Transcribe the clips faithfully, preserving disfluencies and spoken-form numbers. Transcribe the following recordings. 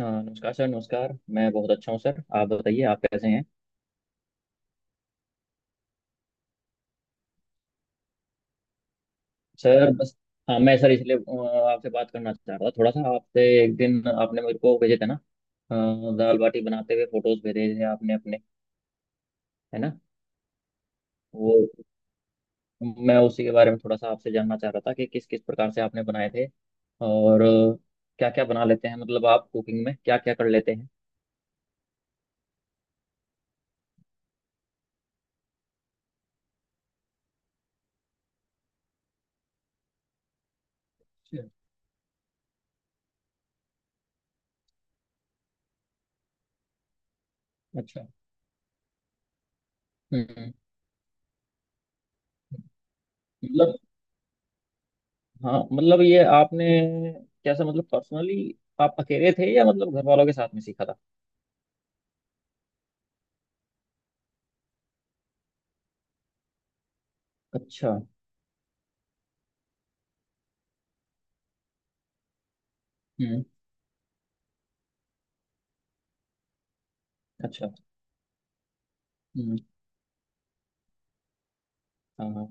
हाँ, नमस्कार सर। नमस्कार। मैं बहुत अच्छा हूँ सर। आप बताइए, आप कैसे हैं? सर बस। हाँ मैं सर इसलिए अ, आपसे बात करना चाह रहा था थोड़ा सा आपसे। एक दिन आपने मेरे को भेजे थे ना। अ, दाल बाटी बनाते हुए फोटोज भेजे थे आपने अपने। है ना? वो, मैं उसी के बारे में थोड़ा सा आपसे जानना चाह रहा था कि किस किस प्रकार से आपने बनाए थे। और क्या क्या बना लेते हैं, मतलब आप कुकिंग में क्या क्या कर लेते हैं? अच्छा। अच्छा। हम्म, हम्म। मतलब, हाँ मतलब ये आपने, कैसा, मतलब पर्सनली आप अकेले थे या मतलब घर वालों के साथ में सीखा था? अच्छा। हम्म। अच्छा। हम्म। हाँ, हाँ।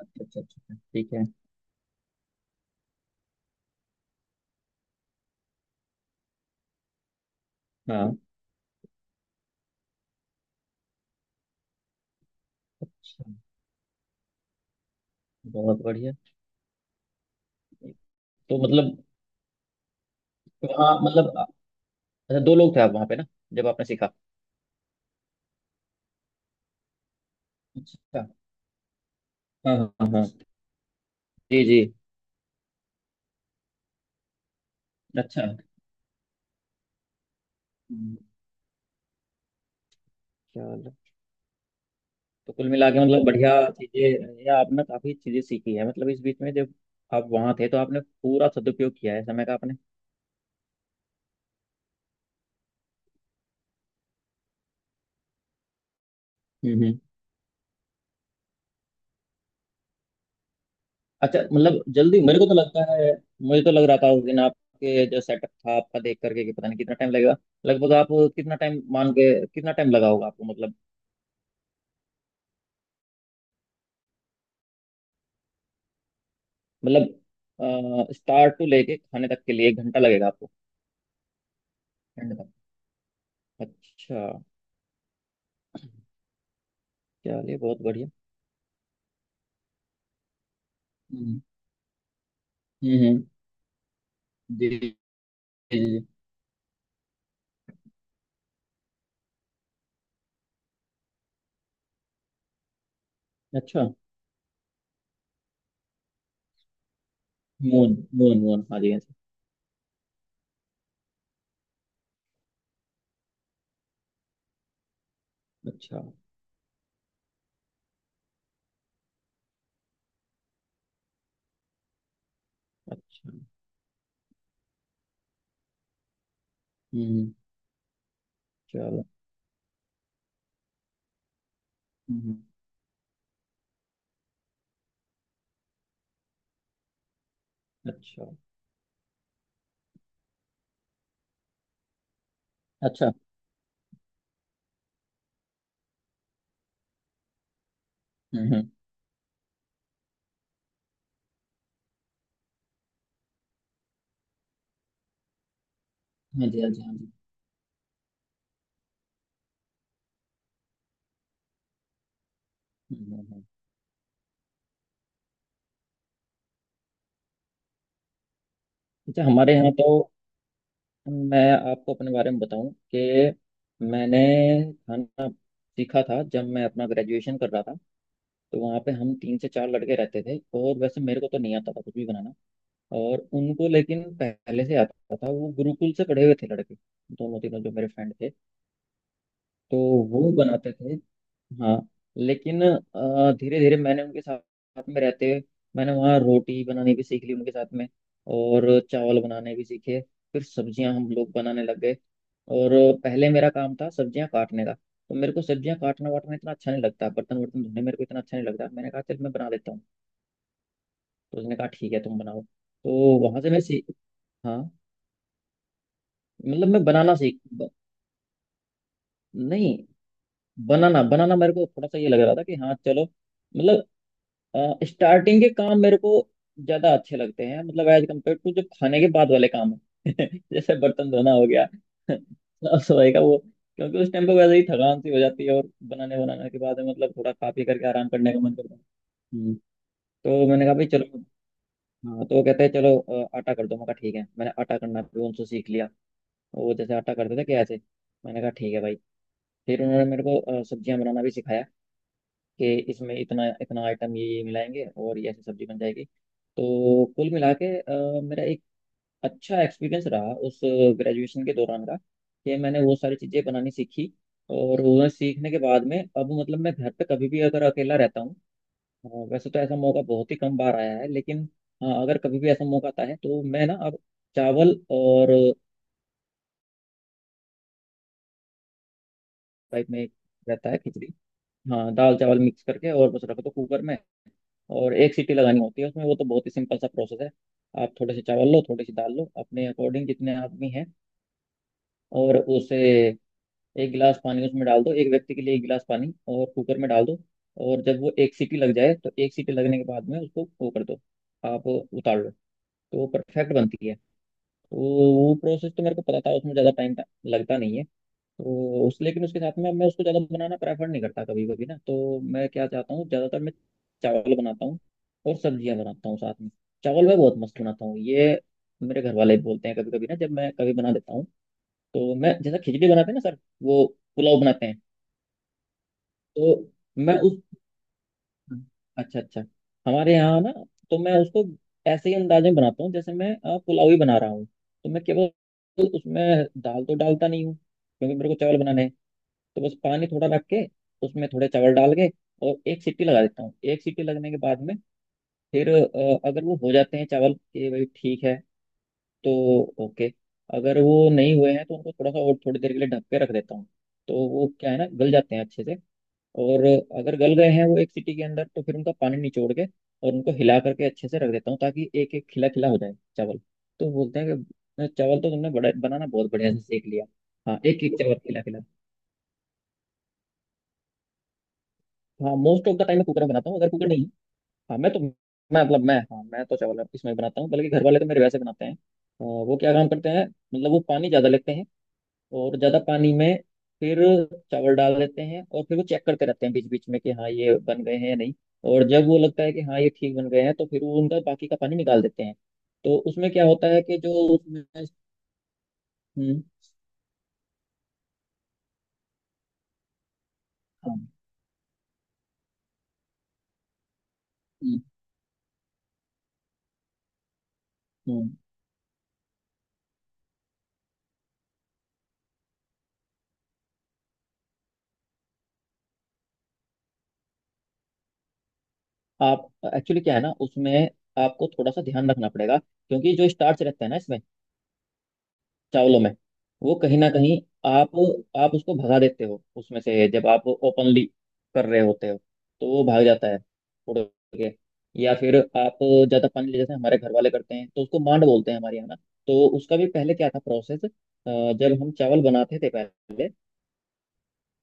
अच्छा अच्छा अच्छा, ठीक है। हाँ। अच्छा, बहुत बढ़िया। तो मतलब, वहाँ मतलब, अच्छा दो लोग थे आप वहाँ पे ना, जब आपने सीखा। अच्छा। हाँ हाँ हाँ हाँ। जी जी। अच्छा। हम्म, चलो। तो कुल मिला के मतलब बढ़िया चीज़ें, या आपने काफ़ी चीज़ें सीखी है मतलब इस बीच में जब आप वहाँ थे, तो आपने पूरा सदुपयोग किया है समय का आपने। हम्म। अच्छा, मतलब जल्दी मेरे को तो लगता है, मुझे तो लग रहा था उस दिन आपके जो सेटअप था आपका देख करके कि पता नहीं कितना टाइम लगेगा। लगभग आप कितना टाइम मान के कितना टाइम लगा होगा आपको मतलब? मतलब स्टार्ट टू लेके खाने तक के लिए एक घंटा लगेगा आपको? एंड तक। अच्छा। चलिए, बहुत बढ़िया। हम्म हम्म, हम्म। जी जी। जी जी। अच्छा, मोहन मोहन मोहन, हाँ जी हाँ जी। अच्छा। अच्छा। हम्म, चलो। हम्म। अच्छा। अच्छा। हम्म हम्म, हाँ जी हाँ जी हाँ जी। हम्म, हम्म, हम्म। अच्छा हमारे यहाँ तो, मैं आपको अपने बारे में बताऊं कि मैंने खाना सीखा था जब मैं अपना ग्रेजुएशन कर रहा था। तो वहाँ पे हम तीन से चार लड़के रहते थे, और वैसे मेरे को तो नहीं आता था कुछ भी बनाना। और उनको लेकिन पहले से आता था, वो गुरुकुल से पढ़े हुए थे लड़के, दोनों तीनों जो मेरे फ्रेंड थे। तो वो बनाते थे। हाँ, लेकिन धीरे धीरे मैंने उनके साथ साथ में रहते हुए, मैंने वहाँ रोटी बनानी भी सीख ली उनके साथ में। और चावल बनाने भी सीखे। फिर सब्जियां हम लोग बनाने लग गए। और पहले मेरा काम था सब्जियां काटने का, तो मेरे को सब्जियां काटना वाटना इतना अच्छा नहीं लगता, बर्तन वर्तन धोने मेरे को इतना अच्छा नहीं लगता, मैंने कहा चल मैं बना लेता हूँ। तो उसने कहा ठीक है तुम बनाओ, तो वहां से मैं सीख। हाँ, मतलब मैं बनाना सीख ब- नहीं, बनाना बनाना मेरे को थोड़ा सा ये लग रहा था कि हाँ चलो, मतलब स्टार्टिंग के काम मेरे को ज्यादा अच्छे लगते हैं, मतलब एज कम्पेयर टू जो खाने के बाद वाले काम है जैसे बर्तन धोना हो गया साफ सफाई का वो। क्योंकि उस टाइम पे वैसे ही थकान सी हो जाती है, और बनाने बनाने के बाद में मतलब थोड़ा खा पी करके आराम करने का मन करता है। हम्म, तो मैंने कहा भाई चलो। हाँ, तो वो कहते हैं चलो अ, आटा कर दो, मैं कहा ठीक है, मैंने आटा करना भी उनसे सीख लिया, वो जैसे आटा करते थे कैसे। मैंने कहा ठीक है भाई। फिर उन्होंने मेरे को अ, सब्जियां बनाना भी सिखाया कि इसमें इतना इतना आइटम ये ये मिलाएंगे और ये ऐसी सब्जी बन जाएगी। तो कुल मिला के अ, मेरा एक अच्छा एक्सपीरियंस रहा उस ग्रेजुएशन के दौरान का कि मैंने वो सारी चीज़ें बनानी सीखी। और वो सीखने के बाद में अब मतलब मैं घर पे कभी भी अगर अकेला रहता हूँ, अ, वैसे तो ऐसा मौका बहुत ही कम बार आया है, लेकिन हाँ अगर कभी भी ऐसा मौका आता है तो मैं ना अब चावल और टाइप में रहता है खिचड़ी। हाँ, दाल चावल मिक्स करके और बस रख दो कुकर में, और एक सीटी लगानी होती है उसमें। वो तो बहुत ही सिंपल सा प्रोसेस है। आप थोड़े से चावल लो, थोड़ी सी दाल लो अपने अकॉर्डिंग जितने आदमी हैं, और उसे एक गिलास पानी उसमें डाल दो, एक व्यक्ति के लिए एक गिलास पानी, और कुकर में डाल दो। और जब वो एक सीटी लग जाए, तो एक सीटी लगने के बाद में उसको वो कर दो, आप उतार लो। तो वो परफेक्ट बनती है। तो वो प्रोसेस तो मेरे को पता था, उसमें ज़्यादा टाइम लगता नहीं है। तो उस, लेकिन उसके साथ में मैं उसको ज़्यादा बनाना प्रेफर नहीं करता कभी कभी ना, तो मैं क्या चाहता हूँ ज़्यादातर, मैं चावल बनाता हूँ और सब्जियाँ बनाता हूँ साथ में। चावल मैं बहुत मस्त बनाता हूँ ये, मेरे घर वाले भी बोलते हैं कभी कभी ना, जब मैं कभी बना देता हूँ। तो मैं, जैसे खिचड़ी बनाते हैं ना सर, वो पुलाव बनाते हैं, तो मैं उस, अच्छा अच्छा, हमारे यहाँ ना, तो मैं उसको ऐसे ही अंदाज में बनाता हूँ, जैसे मैं अ, पुलाव ही बना रहा हूँ, तो मैं केवल उसमें दाल तो डालता नहीं हूँ क्योंकि मेरे को चावल बनाने हैं। तो बस पानी थोड़ा रख के उसमें थोड़े चावल डाल के और एक सीटी लगा देता हूँ। एक सीटी लगने के बाद में फिर अ, अगर वो हो जाते हैं चावल कि भाई ठीक है तो ओके। अगर वो नहीं हुए हैं तो उनको थोड़ा सा और थोड़ी देर के लिए ढक के रख देता हूँ, तो वो क्या है ना, गल जाते हैं अच्छे से। और अगर गल गए हैं वो एक सीटी के अंदर, तो फिर उनका पानी निचोड़ के और उनको हिला करके अच्छे से रख देता हूँ ताकि एक एक खिला खिला हो जाए चावल। तो बोलते हैं कि चावल तो तुमने बड़ा बनाना बहुत बढ़िया से सीख लिया। हाँ, एक एक चावल खिला खिला। हाँ मोस्ट ऑफ द टाइम मैं कुकर में बनाता हूँ, अगर कुकर नहीं। हाँ मैं तो, मैं मतलब मैं, हाँ मैं तो चावल इसमें बनाता हूँ, बल्कि घर वाले तो मेरे वैसे बनाते हैं अ, वो क्या काम करते हैं, मतलब वो पानी ज़्यादा लेते हैं, और ज़्यादा पानी में फिर चावल डाल देते हैं, और फिर वो चेक करते रहते हैं बीच बीच में कि हाँ ये बन गए हैं या नहीं। और जब वो लगता है कि हाँ ये ठीक बन गए हैं, तो फिर वो उनका बाकी का पानी निकाल देते हैं। तो उसमें क्या होता है कि जो उसमें, हम्म, हाँ, हम्म हम्म। आप, एक्चुअली क्या है ना उसमें, आपको थोड़ा सा ध्यान रखना पड़ेगा, क्योंकि जो स्टार्च रहता है ना इसमें, चावलों में, वो कहीं ना कहीं, आप आप उसको भगा देते हो उसमें से जब आप ओपनली कर रहे होते हो, तो वो भाग जाता है उड़ के। या फिर आप ज्यादा पानी ले, जैसे हमारे घर वाले करते हैं, तो उसको मांड बोलते हैं हमारे यहाँ ना। तो उसका भी पहले क्या था प्रोसेस, जब हम चावल बनाते थे पहले,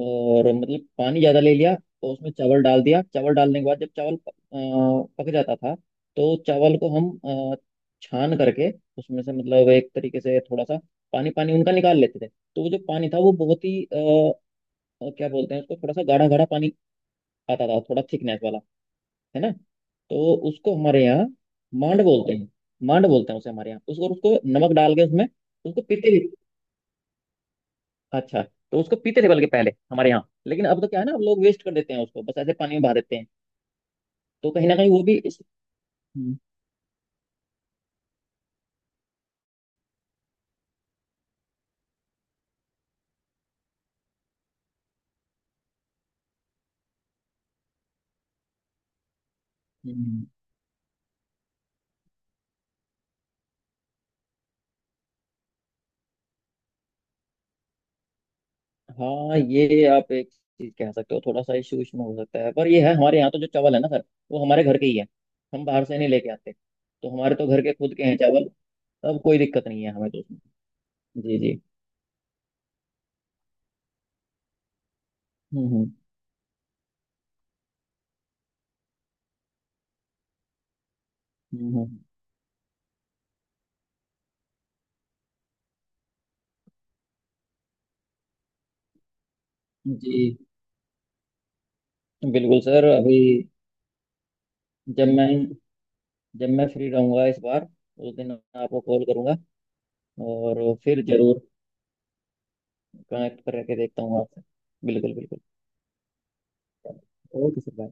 और मतलब पानी ज्यादा ले लिया तो उसमें चावल डाल दिया, चावल डालने के बाद जब चावल प- अ, पक जाता था, तो चावल को हम अ, छान करके उसमें से मतलब एक तरीके से थोड़ा सा पानी पानी उनका निकाल लेते थे, तो वो जो पानी था वो बहुत ही अ, अ, क्या बोलते हैं उसको, थोड़ा सा गाढ़ा गाढ़ा पानी आता था, थोड़ा थिकनेस वाला है ना। तो उसको हमारे यहाँ मांड बोलते हैं। मांड बोलते हैं उसे हमारे यहाँ, उसको उसको नमक डाल के उसमें उसको पीते। अच्छा। तो उसको पीते थे बल्कि पहले हमारे यहाँ, लेकिन अब तो क्या है ना, अब लोग वेस्ट कर देते हैं उसको, बस ऐसे पानी में बहा देते हैं। तो कहीं ना कहीं वो भी इस। हम्म, हम्म, हाँ, ये आप एक चीज कह सकते हो, थोड़ा सा इशू इसमें हो सकता है, पर ये है, हमारे यहाँ तो जो चावल है ना सर, वो हमारे घर के ही है। हम बाहर से नहीं लेके आते, तो हमारे तो घर के खुद के हैं चावल। तब कोई दिक्कत नहीं है हमें तो उसमें। जी जी। हम्म हम्म हम्म, हम्म, जी। बिल्कुल सर, अभी जब मैं जब मैं फ्री रहूंगा इस बार, उस दिन आपको कॉल करूंगा, और फिर जरूर कनेक्ट करके देखता हूँ आपसे। बिल्कुल बिल्कुल। Okay sir.